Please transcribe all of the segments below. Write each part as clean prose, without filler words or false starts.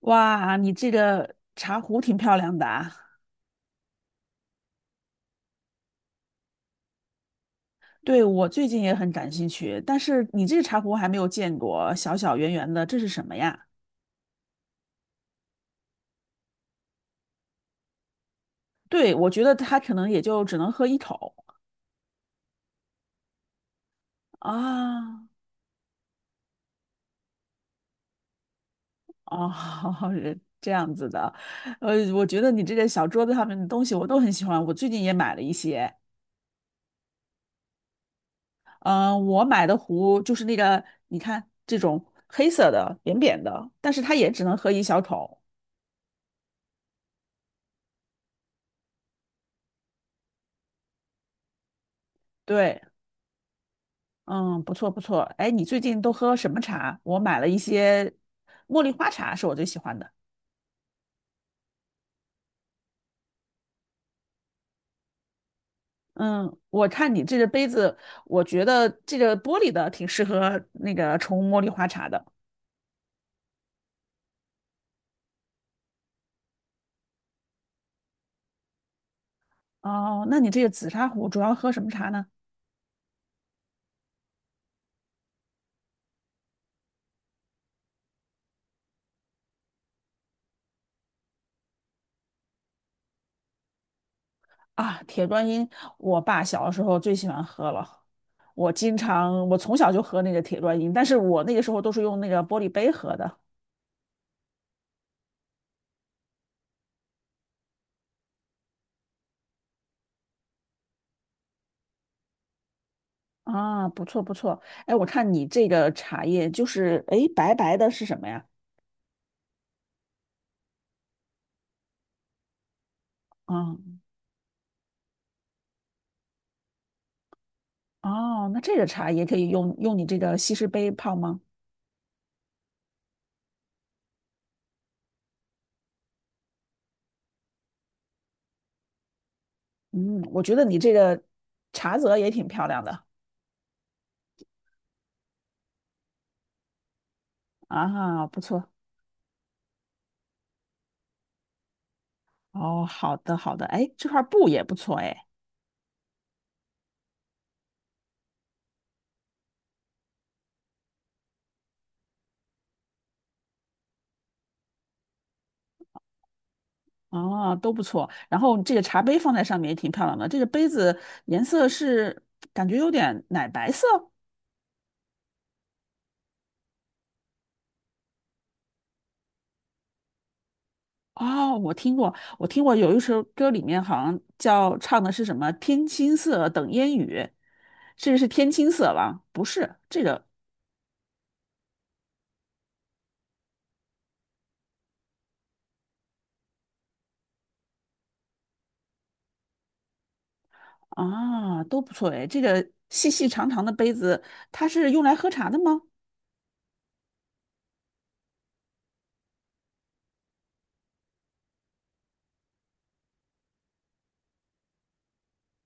哇，你这个茶壶挺漂亮的啊！对，我最近也很感兴趣，但是你这个茶壶还没有见过，小小圆圆的，这是什么呀？对，我觉得它可能也就只能喝一口啊。哦，是这样子的，我觉得你这个小桌子上面的东西我都很喜欢，我最近也买了一些。嗯、我买的壶就是那个，你看这种黑色的扁扁的，但是它也只能喝一小口。对，嗯，不错不错。哎，你最近都喝什么茶？我买了一些茉莉花茶，是我最喜欢的。嗯，我看你这个杯子，我觉得这个玻璃的挺适合那个冲茉莉花茶的。哦，那你这个紫砂壶主要喝什么茶呢？啊，铁观音，我爸小的时候最喜欢喝了。我经常，我从小就喝那个铁观音，但是我那个时候都是用那个玻璃杯喝的。啊，不错不错。哎，我看你这个茶叶就是，哎，白白的是什么呀？啊。哦，那这个茶也可以用用你这个西施杯泡吗？嗯，我觉得你这个茶则也挺漂亮的啊，不错。哦，好的好的，哎，这块布也不错哎，哦，都不错。然后这个茶杯放在上面也挺漂亮的，这个杯子颜色是感觉有点奶白色。哦，我听过，我听过有一首歌里面好像叫唱的是什么"天青色等烟雨"，这个是天青色吧？不是，这个啊，都不错哎。这个细细长长的杯子，它是用来喝茶的吗？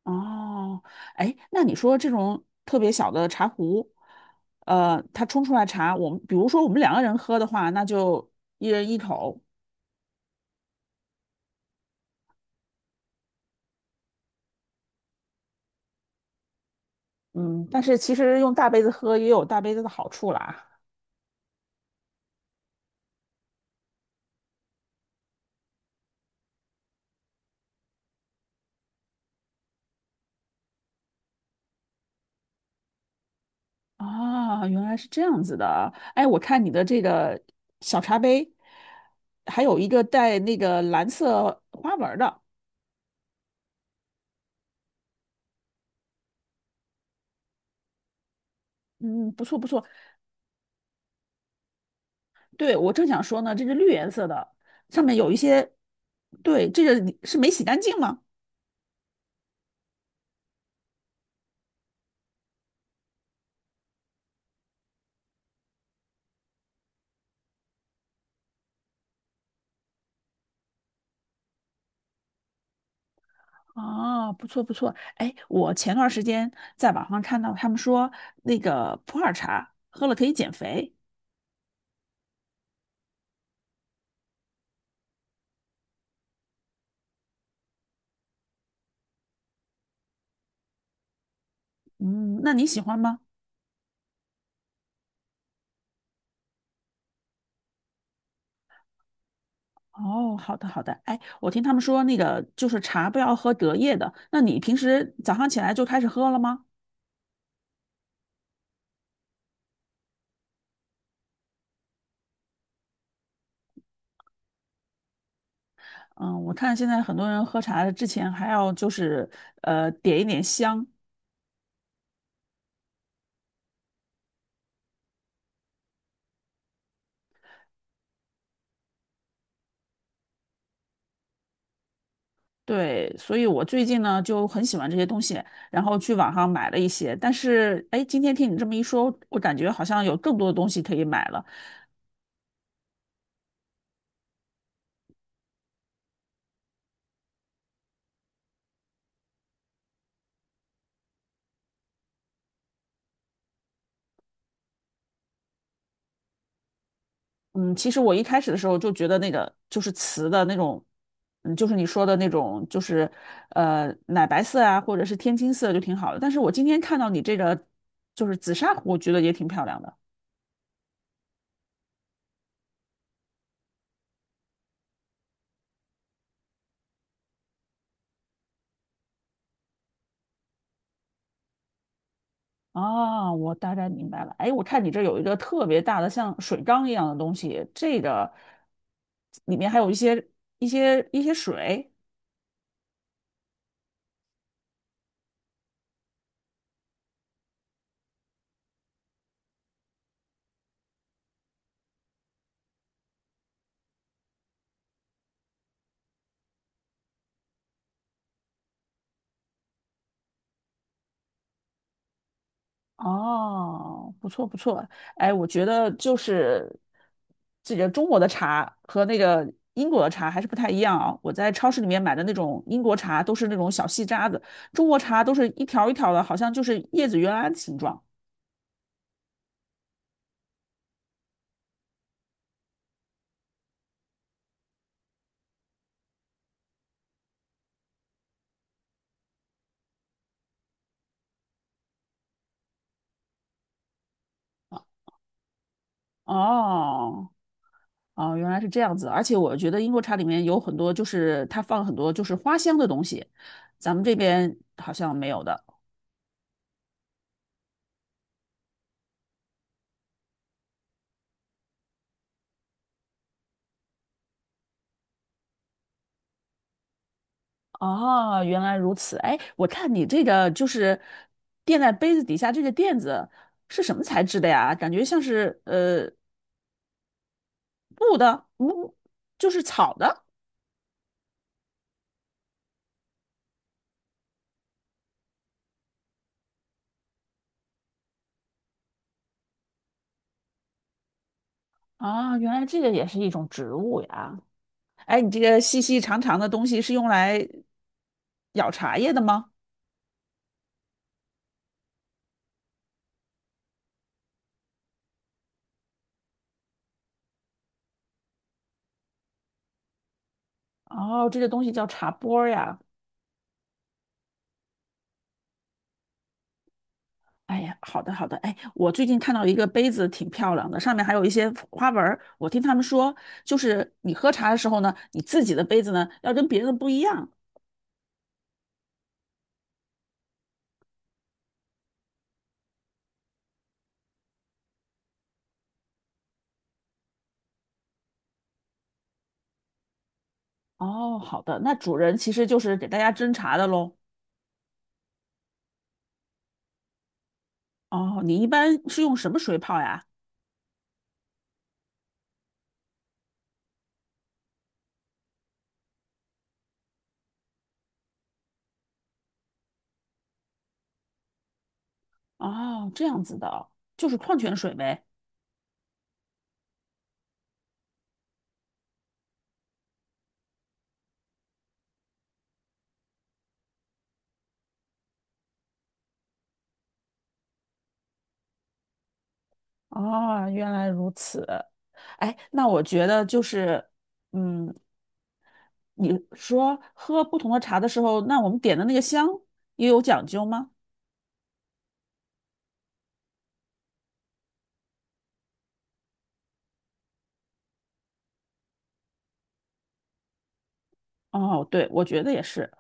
哦，哎，那你说这种特别小的茶壶，它冲出来茶，我们比如说我们两个人喝的话，那就一人一口。嗯，但是其实用大杯子喝也有大杯子的好处啦。啊，原来是这样子的。哎，我看你的这个小茶杯，还有一个带那个蓝色花纹儿的，嗯，不错不错。对，我正想说呢，这是绿颜色的，上面有一些，对，这个你是没洗干净吗？啊，不错不错，哎，我前段时间在网上看到他们说那个普洱茶喝了可以减肥，嗯，那你喜欢吗？哦，好的好的，哎，我听他们说那个就是茶不要喝隔夜的，那你平时早上起来就开始喝了吗？嗯，我看现在很多人喝茶之前还要就是点一点香，对，所以我最近呢就很喜欢这些东西，然后去网上买了一些。但是，哎，今天听你这么一说，我感觉好像有更多的东西可以买了。嗯，其实我一开始的时候就觉得那个就是瓷的那种，嗯，就是你说的那种，就是奶白色啊，或者是天青色就挺好的。但是我今天看到你这个就是紫砂壶，我觉得也挺漂亮的。啊，我大概明白了。哎，我看你这有一个特别大的像水缸一样的东西，这个里面还有一些一些水。哦，不错不错。哎，我觉得就是这个中国的茶和那个英国的茶还是不太一样啊。我在超市里面买的那种英国茶都是那种小细渣子，中国茶都是一条一条的，好像就是叶子原来的形状。哦。哦，原来是这样子，而且我觉得英国茶里面有很多，就是它放很多就是花香的东西，咱们这边好像没有的。哦，原来如此。哎，我看你这个就是垫在杯子底下这个垫子是什么材质的呀？感觉像是布的，木，就是草的。啊，原来这个也是一种植物呀。哎，你这个细细长长的东西是用来舀茶叶的吗？哦，这个东西叫茶钵儿呀。哎呀，好的好的，哎，我最近看到一个杯子挺漂亮的，上面还有一些花纹儿。我听他们说，就是你喝茶的时候呢，你自己的杯子呢要跟别人的不一样。哦，好的，那主人其实就是给大家斟茶的喽。哦，你一般是用什么水泡呀？哦，这样子的哦，就是矿泉水呗。哦，原来如此。哎，那我觉得就是，嗯，你说喝不同的茶的时候，那我们点的那个香也有讲究吗？哦，对，我觉得也是，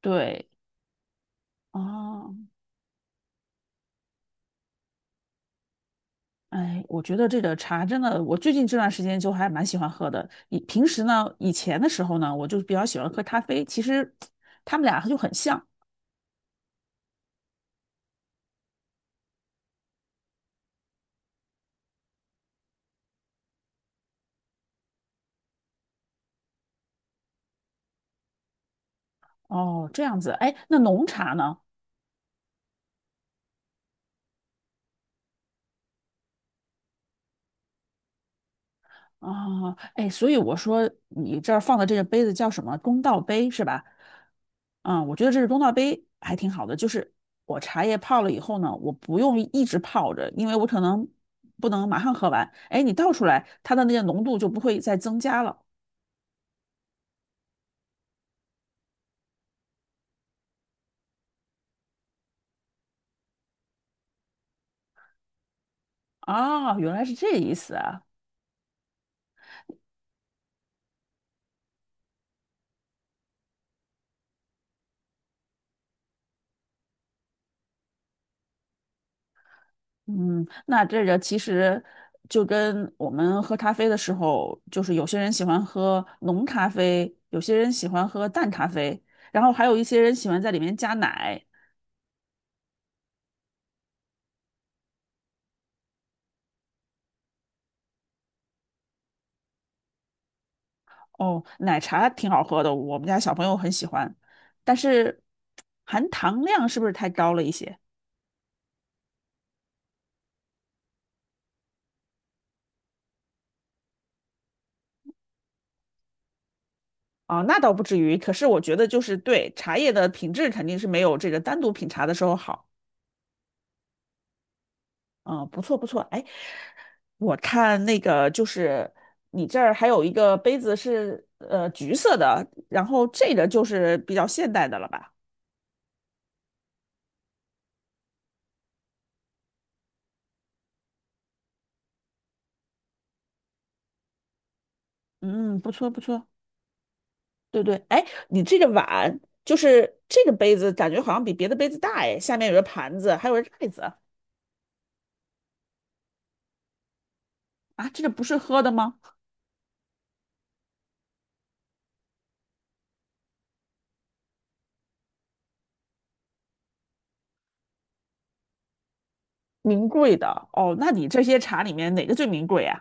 对，哦，哎，我觉得这个茶真的，我最近这段时间就还蛮喜欢喝的。以平时呢，以前的时候呢，我就比较喜欢喝咖啡，其实 他们俩就很像。哦，这样子，哎，那浓茶呢？啊，哎，所以我说你这儿放的这个杯子叫什么？公道杯是吧？啊，我觉得这是公道杯还挺好的，就是我茶叶泡了以后呢，我不用一直泡着，因为我可能不能马上喝完。哎，你倒出来，它的那个浓度就不会再增加了。啊，原来是这个意思啊。嗯，那这个其实就跟我们喝咖啡的时候，就是有些人喜欢喝浓咖啡，有些人喜欢喝淡咖啡，然后还有一些人喜欢在里面加奶。哦，奶茶挺好喝的，我们家小朋友很喜欢，但是含糖量是不是太高了一些？啊，那倒不至于，可是我觉得就是对茶叶的品质肯定是没有这个单独品茶的时候好。啊，不错不错，哎，我看那个就是你这儿还有一个杯子是橘色的，然后这个就是比较现代的了吧？嗯，不错不错，对对，哎，你这个碗就是这个杯子，感觉好像比别的杯子大哎，下面有个盘子，还有个盖子啊，这个不是喝的吗？名贵的哦，那你这些茶里面哪个最名贵啊？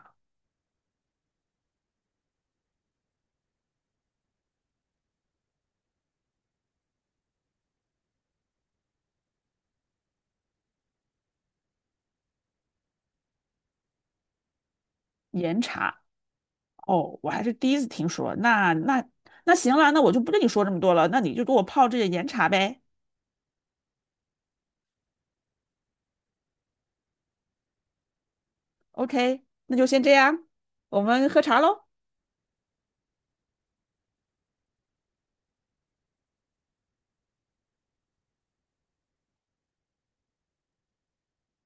岩茶哦，我还是第一次听说，那那那行了，那我就不跟你说这么多了，那你就给我泡这个岩茶呗。OK，那就先这样，我们喝茶喽。